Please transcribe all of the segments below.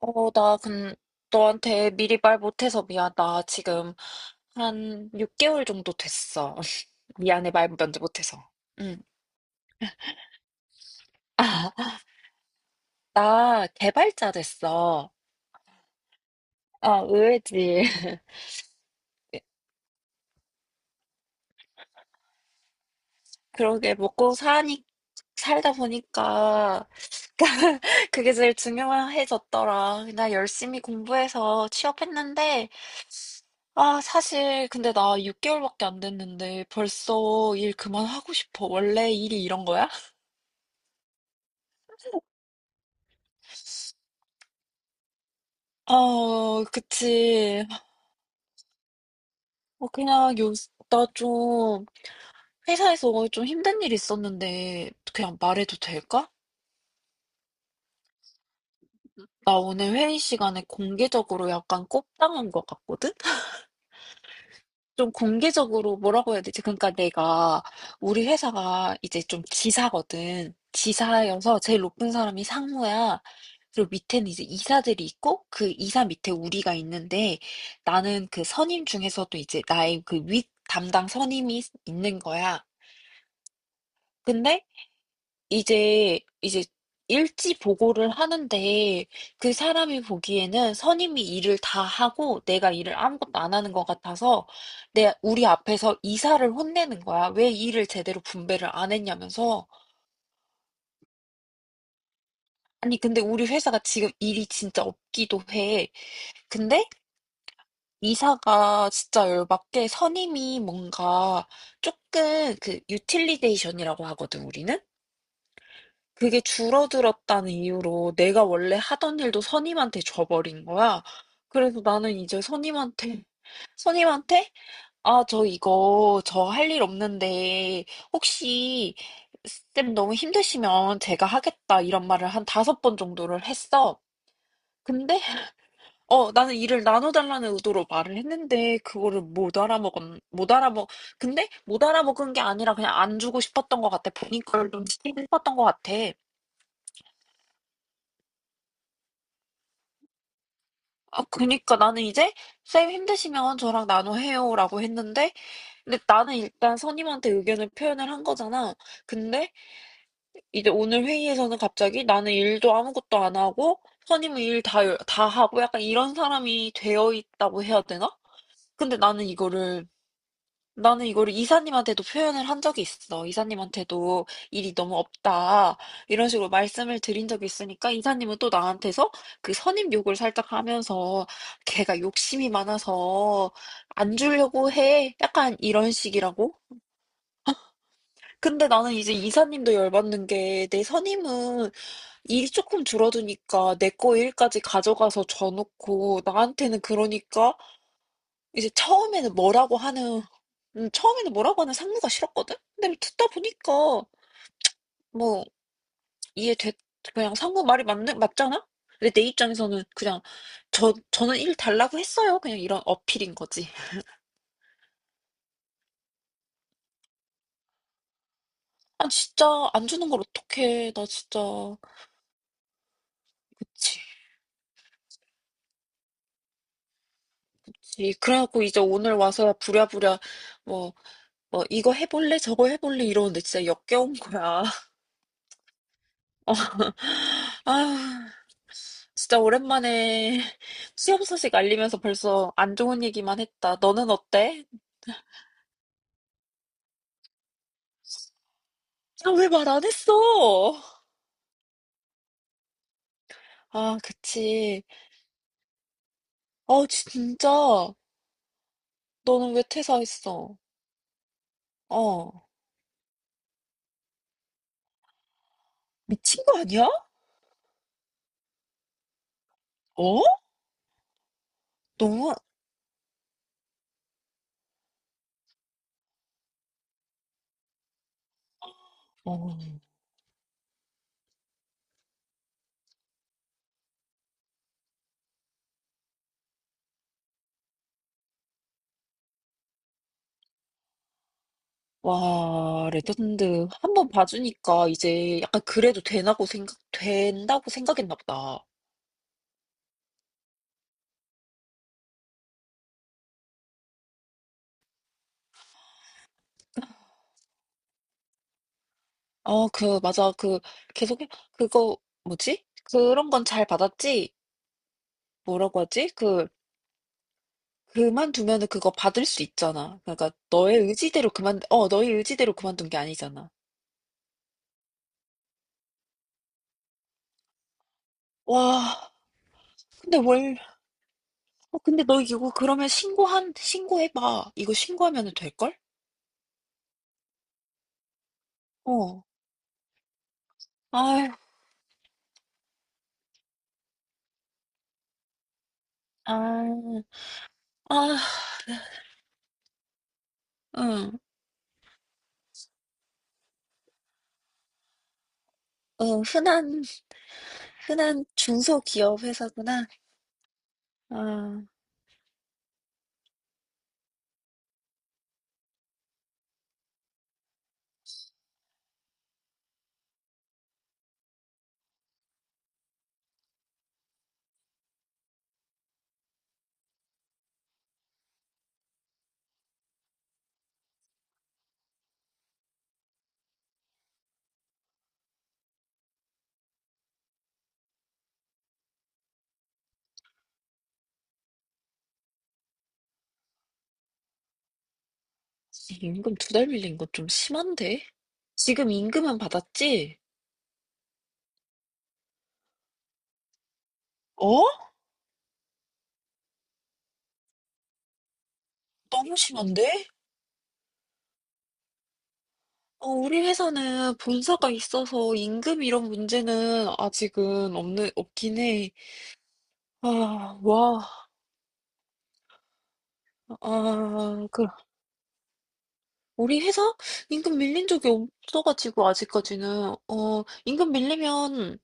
어, 나 너한테 미리 말 못해서 미안. 나 지금 한 6개월 정도 됐어. 미안해, 말 먼저 못해서. 응. 아, 나 개발자 됐어. 아, 의외지. 그러게, 먹고 사니, 살다 보니까, 그게 제일 중요해졌더라. 나 열심히 공부해서 취업했는데, 아, 사실, 근데 나 6개월밖에 안 됐는데, 벌써 일 그만하고 싶어. 원래 일이 이런 거야? 어, 그치. 어, 그냥 나 좀, 회사에서 좀 힘든 일이 있었는데, 그냥 말해도 될까? 나 오늘 회의 시간에 공개적으로 약간 꼽당한 것 같거든? 좀 공개적으로 뭐라고 해야 되지? 그러니까 내가, 우리 회사가 이제 좀 지사거든. 지사여서 제일 높은 사람이 상무야. 그리고 밑에는 이제 이사들이 있고, 그 이사 밑에 우리가 있는데, 나는 그 선임 중에서도 이제 나의 그 윗 담당 선임이 있는 거야. 근데 이제 일지 보고를 하는데 그 사람이 보기에는 선임이 일을 다 하고 내가 일을 아무것도 안 하는 것 같아서 내 우리 앞에서 이사를 혼내는 거야. 왜 일을 제대로 분배를 안 했냐면서. 아니 근데 우리 회사가 지금 일이 진짜 없기도 해. 근데 이사가 진짜 열받게 선임이 뭔가 조금 그 유틸리데이션이라고 하거든 우리는. 그게 줄어들었다는 이유로 내가 원래 하던 일도 선임한테 줘버린 거야. 그래서 나는 이제 선임한테, 아, 저 이거, 저 할 일 없는데, 혹시, 쌤 너무 힘드시면 제가 하겠다, 이런 말을 한 다섯 번 정도를 했어. 근데, 나는 일을 나눠달라는 의도로 말을 했는데, 그거를 못 알아먹은, 못 알아먹, 근데 못 알아먹은 게 아니라 그냥 안 주고 싶었던 것 같아. 본인 걸좀 시키고 싶었던 것 같아. 아, 그니까 나는 이제 쌤 힘드시면 저랑 나눠해요라고 했는데, 근데 나는 일단 선임한테 의견을 표현을 한 거잖아. 근데 이제 오늘 회의에서는 갑자기 나는 일도 아무것도 안 하고, 선임은 일 다 하고 약간 이런 사람이 되어 있다고 해야 되나? 근데 나는 이거를 이사님한테도 표현을 한 적이 있어. 이사님한테도 일이 너무 없다. 이런 식으로 말씀을 드린 적이 있으니까 이사님은 또 나한테서 그 선임 욕을 살짝 하면서 걔가 욕심이 많아서 안 주려고 해. 약간 이런 식이라고? 근데 나는 이제 이사님도 열받는 게 내 선임은 일이 조금 줄어드니까 내 거 일까지 가져가서 줘놓고 나한테는 그러니까 이제 처음에는 뭐라고 하는 상무가 싫었거든? 근데 뭐 듣다 보니까, 뭐, 이해됐, 그냥 상무 말이 맞잖아? 근데 내 입장에서는 그냥, 저는 일 달라고 했어요. 그냥 이런 어필인 거지. 아, 진짜, 안 주는 걸 어떡해. 나 진짜. 그치, 그치. 그래갖고 이제 오늘 와서 부랴부랴, 뭐, 뭐, 이거 해볼래? 저거 해볼래? 이러는데 진짜 역겨운 거야. 어, 아 진짜 오랜만에 취업 소식 알리면서 벌써 안 좋은 얘기만 했다. 너는 어때? 아, 왜 말 안 했어? 아, 그치. 아, 진짜. 너는 왜 퇴사했어? 어. 미친 거 아니야? 어? 너무, 어. 와, 레전드. 한번 봐주니까 이제 약간 그래도 되나고 된다고 생각했나 보다. 어, 그, 맞아. 그, 계속, 해 그거, 뭐지? 그런 건 잘 받았지? 뭐라고 하지? 그, 그만두면은 그거 받을 수 있잖아. 그러니까 너의 의지대로 너의 의지대로 그만둔 게 아니잖아. 와, 근데 어, 근데 너 이거 그러면 신고해봐. 이거 신고하면은 될걸? 어. 아유, 아, 아, 응, 응, 흔한 중소기업 회사구나. 아, 임금 두 달 밀린 거 좀 심한데? 지금 임금은 받았지? 어? 너무 심한데? 어, 우리 회사는 본사가 있어서 임금 이런 문제는 아직은 없긴 해. 아, 와, 아, 그, 우리 회사? 임금 밀린 적이 없어가지고, 아직까지는. 어, 임금 밀리면,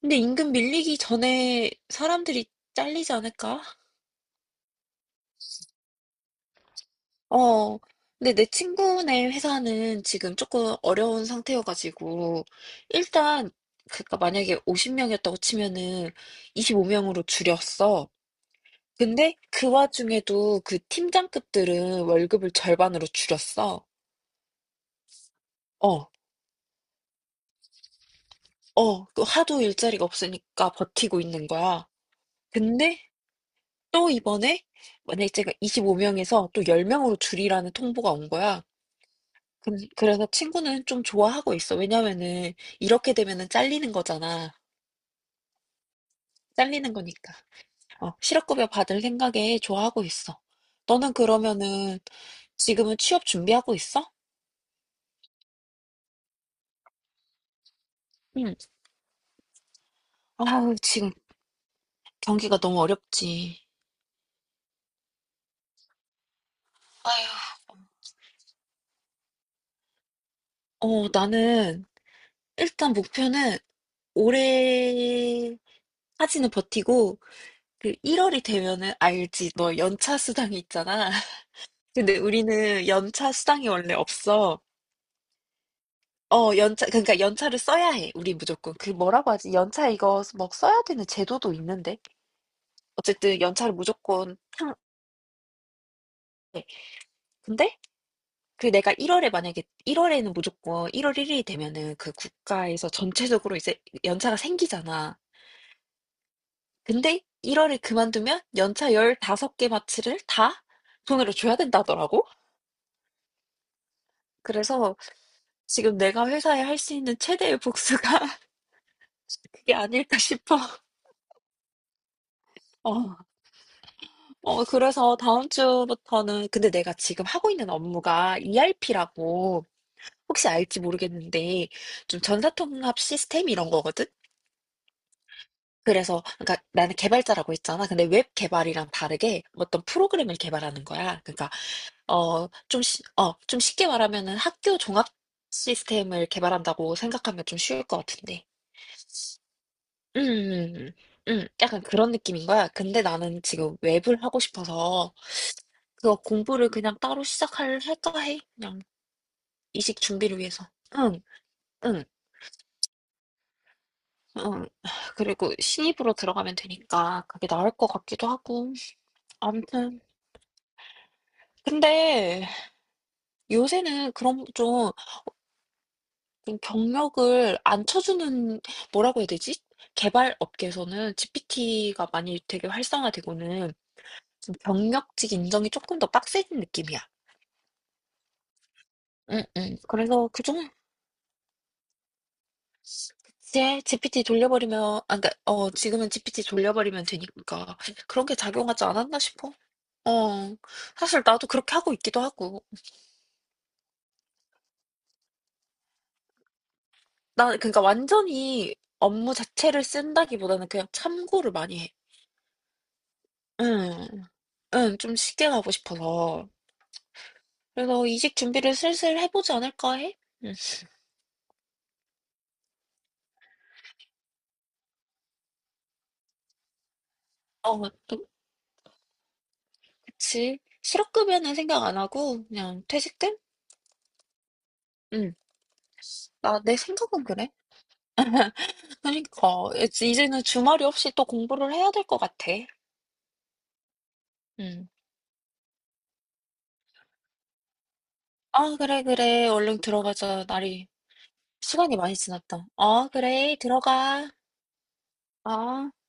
근데 임금 밀리기 전에 사람들이 잘리지 않을까? 어, 근데 내 친구네 회사는 지금 조금 어려운 상태여가지고, 일단, 그니까 만약에 50명이었다고 치면은 25명으로 줄였어. 근데 그 와중에도 그 팀장급들은 월급을 절반으로 줄였어. 어, 어, 그 하도 일자리가 없으니까 버티고 있는 거야. 근데 또 이번에 만약에 제가 25명에서 또 10명으로 줄이라는 통보가 온 거야. 그래서 친구는 좀 좋아하고 있어. 왜냐면은 이렇게 되면은 잘리는 거잖아. 잘리는 거니까. 어, 실업급여 받을 생각에 좋아하고 있어. 너는 그러면은 지금은 취업 준비하고 있어? 응. 아우, 지금 경기가 너무 어렵지. 아휴, 어, 나는 일단 목표는 올해까지는 버티고 그 1월이 되면은 알지. 너 연차 수당이 있잖아. 근데 우리는 연차 수당이 원래 없어. 어, 연차 그러니까 연차를 써야 해. 우리 무조건 그 뭐라고 하지? 연차 이거 뭐 써야 되는 제도도 있는데. 어쨌든 연차를 무조건 향 해. 근데 그 내가 1월에 만약에 1월에는 무조건 1월 1일이 되면은 그 국가에서 전체적으로 이제 연차가 생기잖아. 근데 1 월에 그만두면 연차 15개 마치를 다 돈으로 줘야 된다더라고. 그래서 지금 내가 회사에 할 수 있는 최대의 복수가 그게 아닐까 싶어. 어. 그래서 다음 주부터는 근데 내가 지금 하고 있는 업무가 ERP라고 혹시 알지 모르겠는데 좀 전사통합 시스템 이런 거거든. 그래서 그러니까 나는 개발자라고 했잖아. 근데 웹 개발이랑 다르게 어떤 프로그램을 개발하는 거야. 그러니까 좀 쉽게 말하면은 학교 종합 시스템을 개발한다고 생각하면 좀 쉬울 것 같은데. 음, 음, 음, 약간 그런 느낌인 거야. 근데 나는 지금 웹을 하고 싶어서 그거 공부를 그냥 따로 할까 해. 그냥 이직 준비를 위해서. 응, 응, 응. 그리고 신입으로 들어가면 되니까 그게 나을 것 같기도 하고. 아무튼. 근데 요새는 그런 좀 경력을 안 쳐주는 뭐라고 해야 되지? 개발 업계에서는 GPT가 많이 되게 활성화되고는 좀 경력직 인정이 조금 더 빡세진 느낌이야. 응응. 그래서 그중 이제 GPT 돌려버리면 아 그니까 지금은 GPT 돌려버리면 되니까 그런 게 작용하지 않았나 싶어. 어. 사실 나도 그렇게 하고 있기도 하고. 나 그니까 완전히 업무 자체를 쓴다기보다는 그냥 참고를 많이 해. 응. 응. 좀 쉽게 가고 싶어서. 그래서 이직 준비를 슬슬 해보지 않을까 해? 응. 어, 또, 그치. 실업급여는 생각 안 하고, 그냥 퇴직금? 응. 내 생각은 그래. 그러니까, 이제는 주말이 없이 또 공부를 해야 될 것 같아. 응. 아, 그래, 그래. 얼른 들어가자. 시간이 많이 지났다. 어, 그래. 들어가. 어.